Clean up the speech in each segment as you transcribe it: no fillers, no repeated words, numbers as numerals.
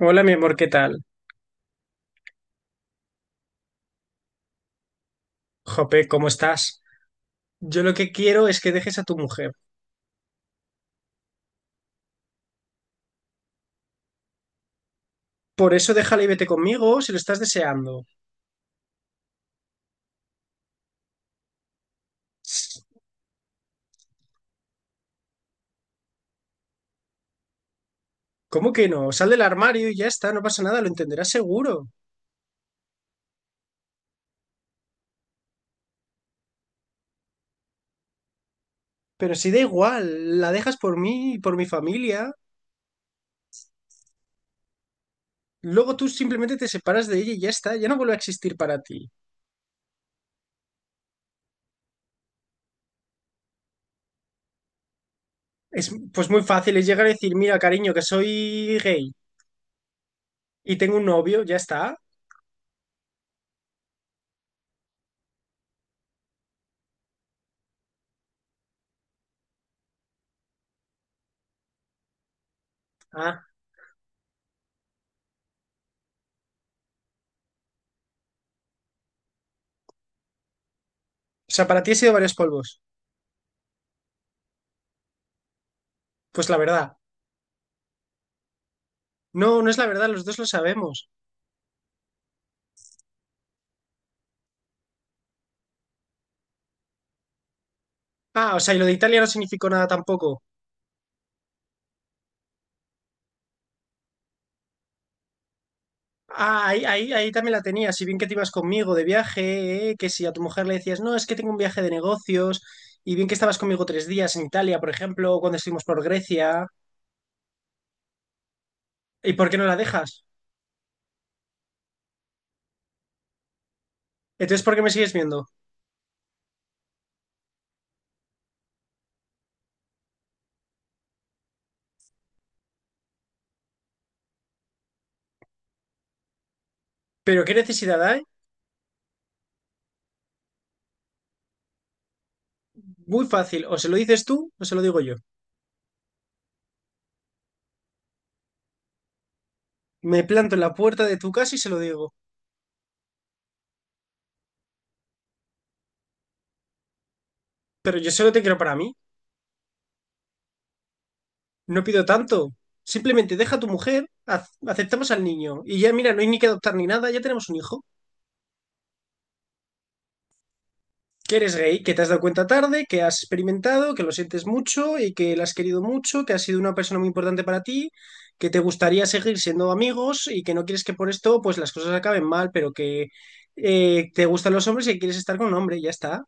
Hola, mi amor, ¿qué tal? Jope, ¿cómo estás? Yo lo que quiero es que dejes a tu mujer. Por eso déjala y vete conmigo si lo estás deseando. Ss, ¿cómo que no? Sal del armario y ya está, no pasa nada, lo entenderás seguro. Pero si da igual, la dejas por mí y por mi familia. Luego tú simplemente te separas de ella y ya está, ya no vuelve a existir para ti. Es pues muy fácil, es llegar a decir, mira, cariño, que soy gay y tengo un novio, ya está. Ah, o sea, para ti he sido varios polvos. Pues la verdad. No, no es la verdad, los dos lo sabemos. Ah, o sea, y lo de Italia no significó nada tampoco. Ah, ahí, ahí, ahí también la tenía. Si bien que te ibas conmigo de viaje, que si a tu mujer le decías, no, es que tengo un viaje de negocios, y bien que estabas conmigo tres días en Italia, por ejemplo, o cuando estuvimos por Grecia. ¿Y por qué no la dejas? Entonces, ¿por qué me sigues viendo? Pero ¿qué necesidad hay? Muy fácil, o se lo dices tú o se lo digo yo. Me planto en la puerta de tu casa y se lo digo. Pero yo solo te quiero para mí, no pido tanto. Simplemente deja a tu mujer, aceptamos al niño, y ya mira, no hay ni que adoptar ni nada, ya tenemos un hijo. Que eres gay, que te has dado cuenta tarde, que has experimentado, que lo sientes mucho y que la has querido mucho, que has sido una persona muy importante para ti, que te gustaría seguir siendo amigos y que no quieres que por esto pues las cosas acaben mal, pero que te gustan los hombres y que quieres estar con un hombre, y ya está.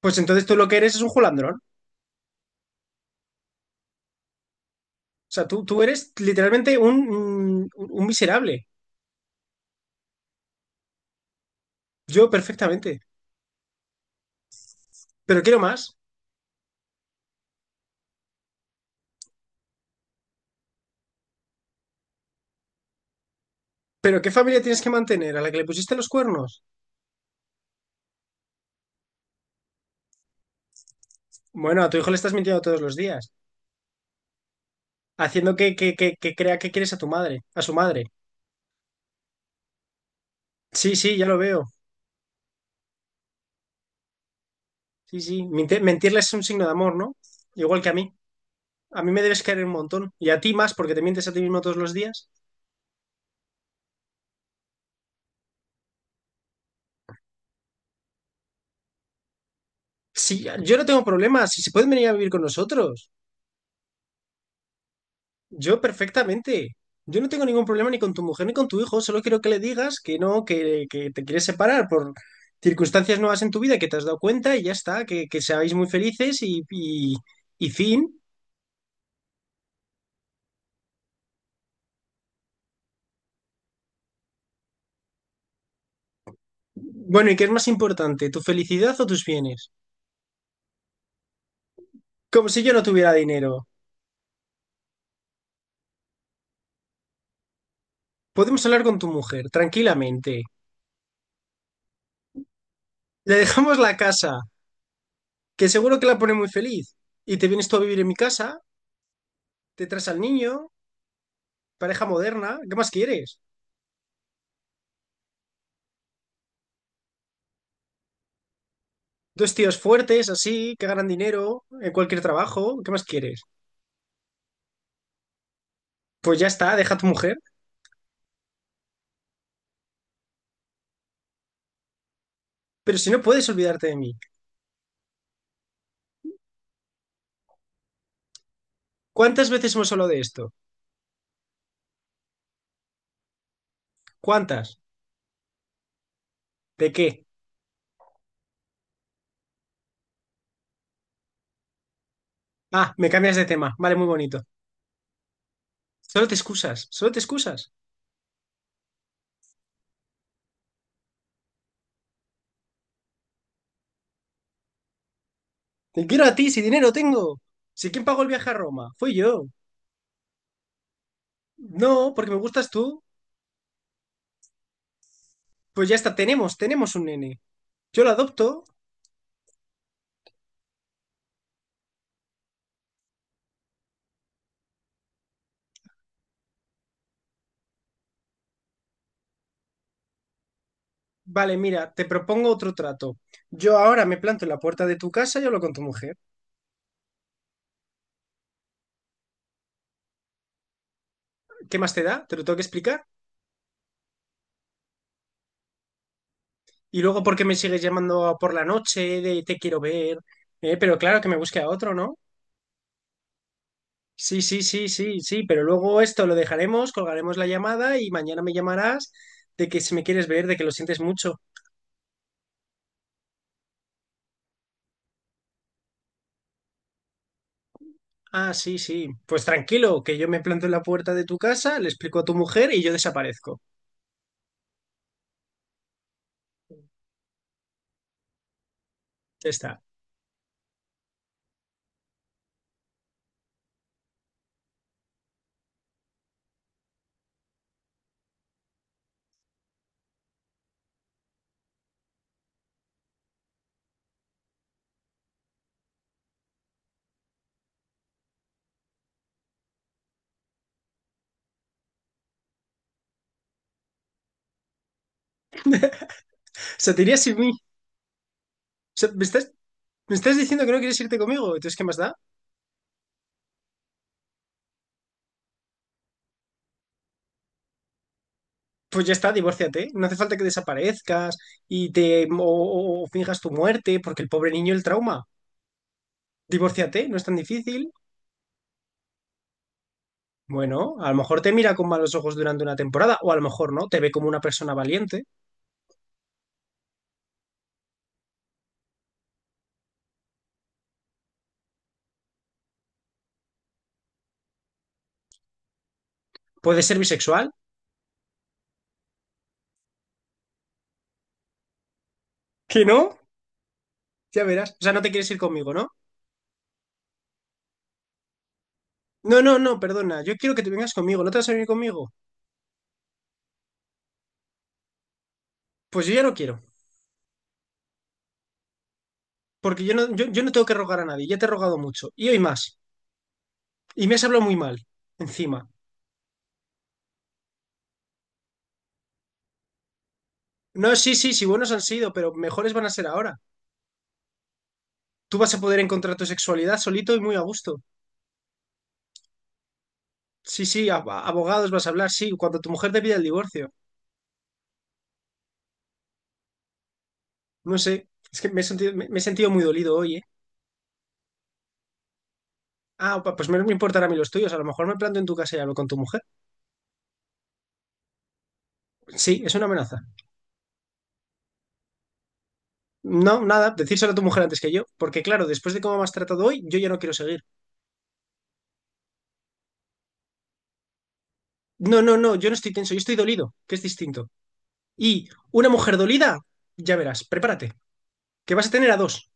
Pues entonces tú lo que eres es un julandrón. O sea, tú eres literalmente un, un miserable. Yo perfectamente. Pero quiero más. ¿Pero qué familia tienes que mantener? ¿A la que le pusiste los cuernos? Bueno, a tu hijo le estás mintiendo todos los días, haciendo que crea que quieres a tu madre, a su madre. Sí, sí, ya lo veo. Sí, sí. Mentirle es un signo de amor, ¿no? Igual que a mí. A mí me debes querer un montón. Y a ti más, porque te mientes a ti mismo todos los días. Sí, yo no tengo problemas. Si se pueden venir a vivir con nosotros. Yo perfectamente. Yo no tengo ningún problema ni con tu mujer ni con tu hijo. Solo quiero que le digas que no, que te quieres separar por circunstancias nuevas en tu vida que te has dado cuenta y ya está. Que seáis muy felices y fin. Bueno, ¿y qué es más importante, tu felicidad o tus bienes? Como si yo no tuviera dinero. Podemos hablar con tu mujer, tranquilamente. Le dejamos la casa, que seguro que la pone muy feliz. Y te vienes tú a vivir en mi casa, te traes al niño, pareja moderna, ¿qué más quieres? Dos tíos fuertes, así, que ganan dinero en cualquier trabajo, ¿qué más quieres? Pues ya está, deja a tu mujer. Pero si no puedes olvidarte de mí. ¿Cuántas veces hemos hablado de esto? ¿Cuántas? ¿De qué? Ah, me cambias de tema. Vale, muy bonito. Solo te excusas, solo te excusas. Te quiero a ti, si dinero tengo. Si quién pagó el viaje a Roma, fui yo. No, porque me gustas tú. Pues ya está, tenemos un nene. Yo lo adopto. Vale, mira, te propongo otro trato. Yo ahora me planto en la puerta de tu casa y hablo con tu mujer. ¿Qué más te da? Te lo tengo que explicar. Y luego, ¿por qué me sigues llamando por la noche de te quiero ver? Pero claro que me busque a otro, ¿no? Sí, sí, sí, sí, sí, pero luego esto lo dejaremos, colgaremos la llamada y mañana me llamarás de que si me quieres ver, de que lo sientes mucho. Ah, sí, sí. Pues tranquilo, que yo me planto en la puerta de tu casa, le explico a tu mujer y yo desaparezco. Ya está. O sea, te irías sin mí. O sea, me estás diciendo que no quieres irte conmigo? Entonces, ¿qué más da? Pues ya está, divórciate. No hace falta que desaparezcas y te o finjas tu muerte, porque el pobre niño el trauma. Divórciate, no es tan difícil. Bueno, a lo mejor te mira con malos ojos durante una temporada, o a lo mejor no, te ve como una persona valiente. Puede ser bisexual. ¿Que no? Ya verás. O sea, no te quieres ir conmigo, ¿no? No, no, no, perdona. Yo quiero que te vengas conmigo. ¿No te vas a venir conmigo? Pues yo ya no quiero. Porque yo no tengo que rogar a nadie. Ya te he rogado mucho. Y hoy más. Y me has hablado muy mal. Encima. No, sí, sí, sí, buenos han sido, pero mejores van a ser ahora. Tú vas a poder encontrar tu sexualidad solito y muy a gusto. Sí, sí, abogados vas a hablar, sí, cuando tu mujer te pida el divorcio. No sé. Es que me he sentido, me he sentido muy dolido hoy, ¿eh? Ah, pues me importará a mí los tuyos. A lo mejor me planto en tu casa y hablo con tu mujer. Sí, es una amenaza. No, nada, decírselo a tu mujer antes que yo, porque claro, después de cómo me has tratado hoy, yo ya no quiero seguir. No, no, no, yo no estoy tenso, yo estoy dolido, que es distinto. Y una mujer dolida, ya verás, prepárate, que vas a tener a dos.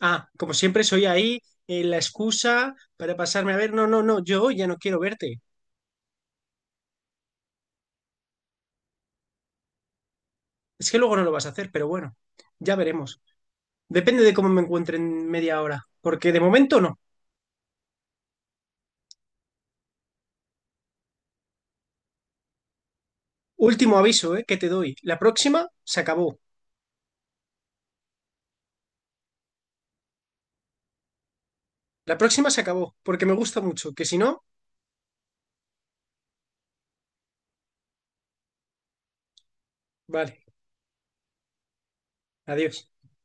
Ah, como siempre soy ahí, la excusa para pasarme a ver, no, no, no, yo hoy ya no quiero verte. Es que luego no lo vas a hacer, pero bueno, ya veremos. Depende de cómo me encuentre en media hora, porque de momento no. Último aviso, que te doy. La próxima se acabó. La próxima se acabó, porque me gusta mucho, que si no, vale, adiós.